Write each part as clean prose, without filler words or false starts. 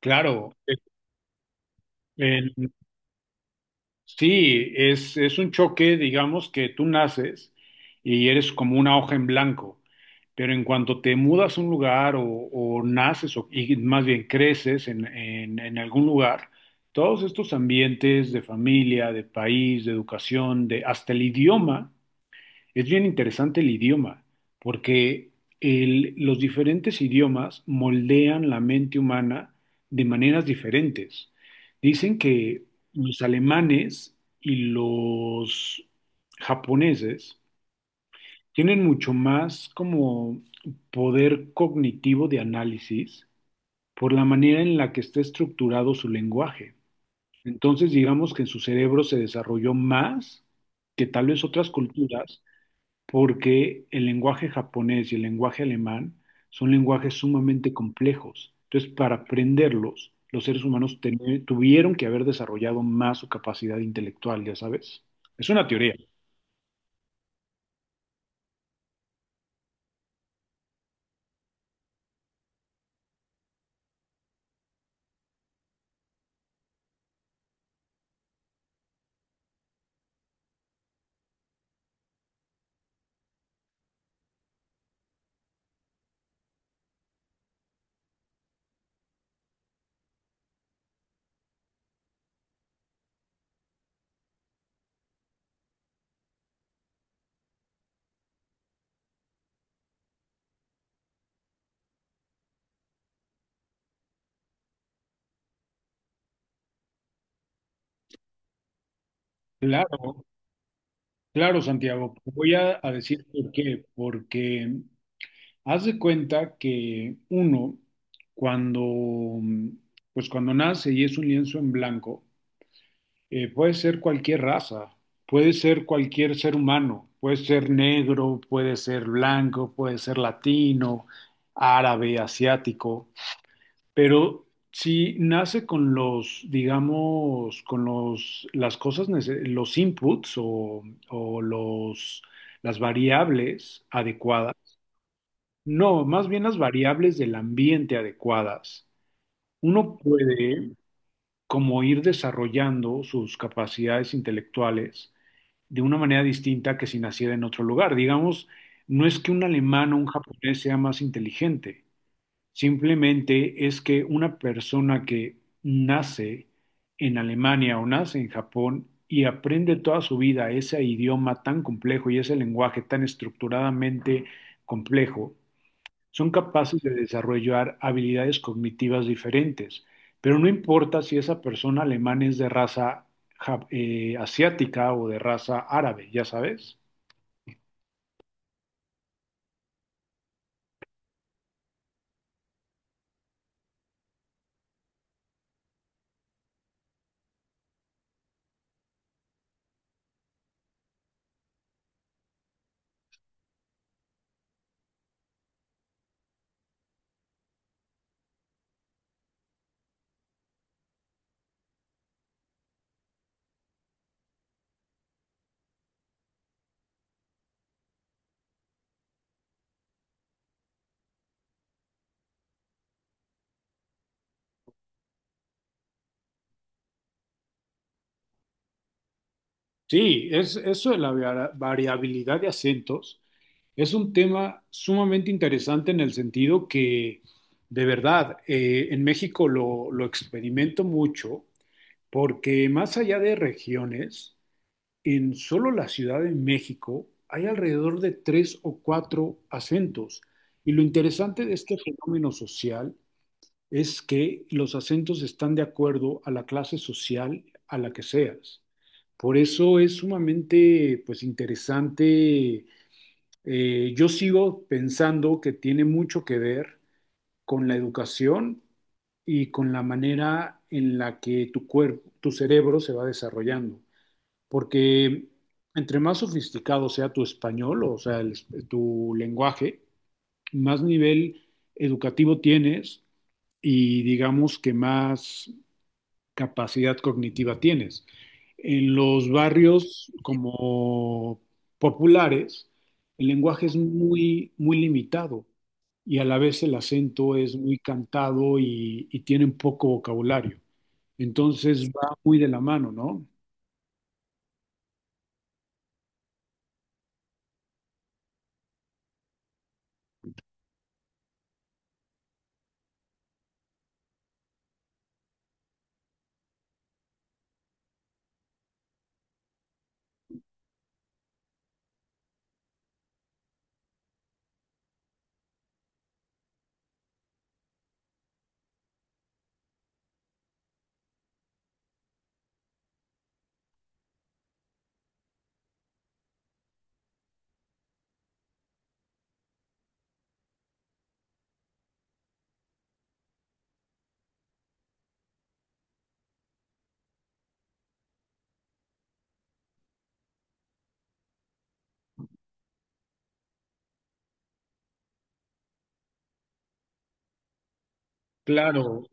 Claro. En- es un choque, digamos, que tú naces y eres como una hoja en blanco, pero en cuanto te mudas a un lugar o naces, o, y más bien creces en algún lugar, todos estos ambientes de familia, de país, de educación, de hasta el idioma. Es bien interesante el idioma, porque los diferentes idiomas moldean la mente humana de maneras diferentes. Dicen que los alemanes y los japoneses tienen mucho más como poder cognitivo de análisis por la manera en la que está estructurado su lenguaje. Entonces, digamos que en su cerebro se desarrolló más que tal vez otras culturas, porque el lenguaje japonés y el lenguaje alemán son lenguajes sumamente complejos. Entonces, para aprenderlos, los seres humanos tuvieron que haber desarrollado más su capacidad intelectual, ya sabes. Es una teoría. Claro, claro, Santiago. Voy a decir por qué. Porque haz de cuenta que uno, cuando, pues cuando nace y es un lienzo en blanco. Puede ser cualquier raza, puede ser cualquier ser humano, puede ser negro, puede ser blanco, puede ser latino, árabe, asiático, pero si nace con los, digamos, con los, las cosas, los inputs o los, las variables adecuadas, no, más bien las variables del ambiente adecuadas, uno puede como ir desarrollando sus capacidades intelectuales de una manera distinta que si naciera en otro lugar. Digamos, no es que un alemán o un japonés sea más inteligente, simplemente es que una persona que nace en Alemania o nace en Japón y aprende toda su vida ese idioma tan complejo y ese lenguaje tan estructuradamente complejo, son capaces de desarrollar habilidades cognitivas diferentes, pero no importa si esa persona alemana es de raza asiática o de raza árabe, ya sabes. Eso de la variabilidad de acentos es un tema sumamente interesante en el sentido que, de verdad, en México lo experimento mucho porque más allá de regiones, en solo la Ciudad de México hay alrededor de tres o cuatro acentos. Y lo interesante de este fenómeno social es que los acentos están de acuerdo a la clase social a la que seas. Por eso es sumamente, pues, interesante. Yo sigo pensando que tiene mucho que ver con la educación y con la manera en la que tu cuerpo, tu cerebro se va desarrollando, porque entre más sofisticado sea tu español, o sea, tu lenguaje, más nivel educativo tienes y digamos que más capacidad cognitiva tienes. En los barrios como populares, el lenguaje es muy, muy limitado y a la vez el acento es muy cantado y tienen poco vocabulario. Entonces va muy de la mano, ¿no? Claro,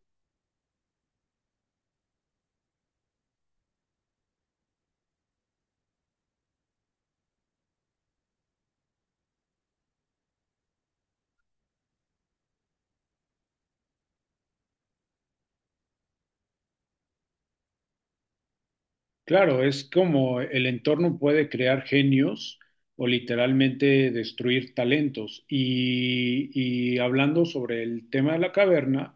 claro, es como el entorno puede crear genios o literalmente destruir talentos. Y hablando sobre el tema de la caverna,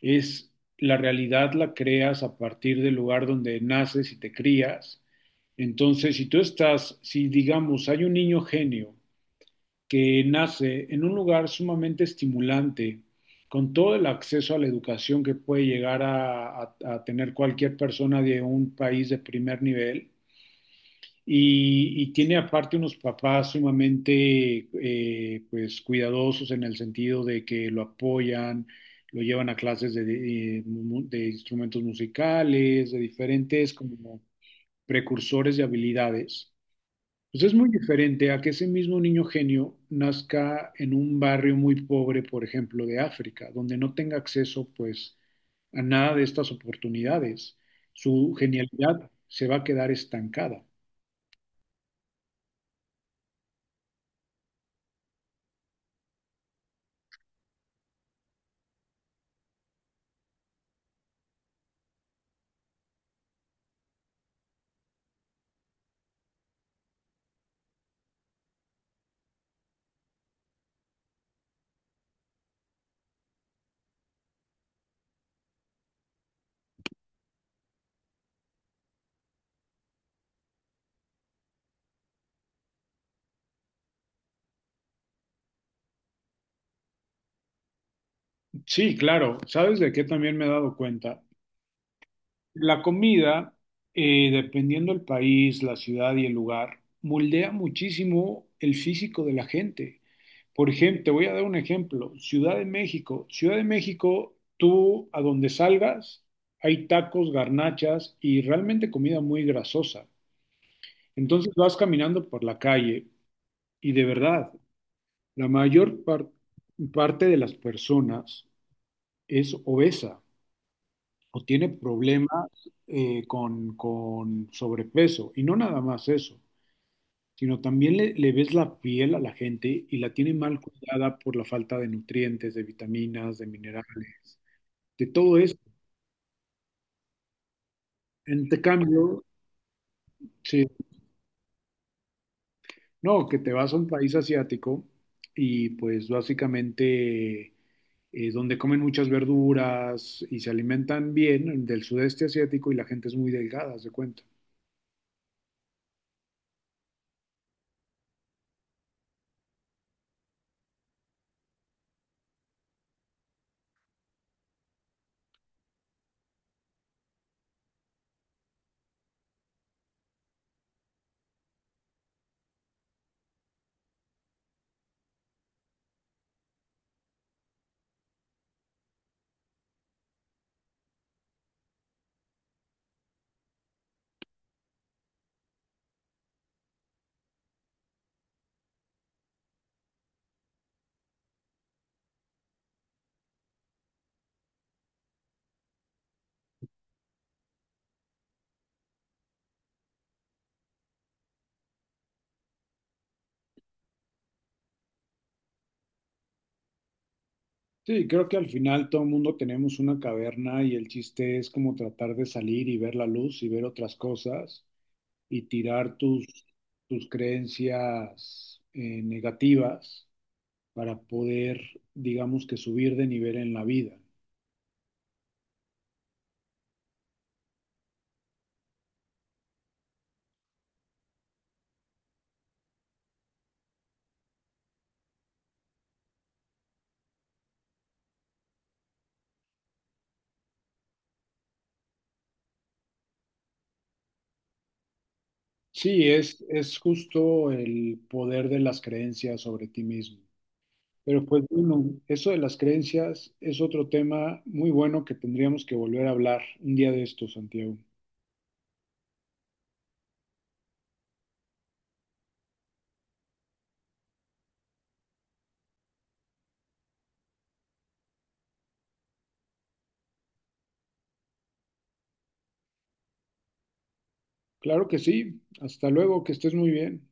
es la realidad la creas a partir del lugar donde naces y te crías. Entonces, si tú estás, si digamos hay un niño genio que nace en un lugar sumamente estimulante, con todo el acceso a la educación que puede llegar a a tener cualquier persona de un país de primer nivel, y tiene aparte unos papás sumamente pues cuidadosos en el sentido de que lo apoyan, lo llevan a clases de instrumentos musicales, de diferentes como precursores de habilidades. Pues es muy diferente a que ese mismo niño genio nazca en un barrio muy pobre, por ejemplo, de África, donde no tenga acceso, pues, a nada de estas oportunidades. Su genialidad se va a quedar estancada. Sí, claro. ¿Sabes de qué también me he dado cuenta? La comida, dependiendo del país, la ciudad y el lugar, moldea muchísimo el físico de la gente. Por ejemplo, te voy a dar un ejemplo. Ciudad de México. Ciudad de México, tú a donde salgas, hay tacos, garnachas y realmente comida muy grasosa. Entonces vas caminando por la calle y de verdad, la parte de las personas es obesa, o tiene problemas con sobrepeso. Y no nada más eso, sino también le ves la piel a la gente y la tiene mal cuidada por la falta de nutrientes, de vitaminas, de minerales, de todo eso. En te cambio, sí, no, que te vas a un país asiático y pues básicamente donde comen muchas verduras y se alimentan bien del sudeste asiático y la gente es muy delgada, haz de cuenta. Sí, creo que al final todo el mundo tenemos una caverna y el chiste es como tratar de salir y ver la luz y ver otras cosas y tirar tus, tus creencias negativas para poder, digamos, que subir de nivel en la vida. Sí, es justo el poder de las creencias sobre ti mismo. Pero pues bueno, eso de las creencias es otro tema muy bueno que tendríamos que volver a hablar un día de esto, Santiago. Claro que sí. Hasta luego, que estés muy bien.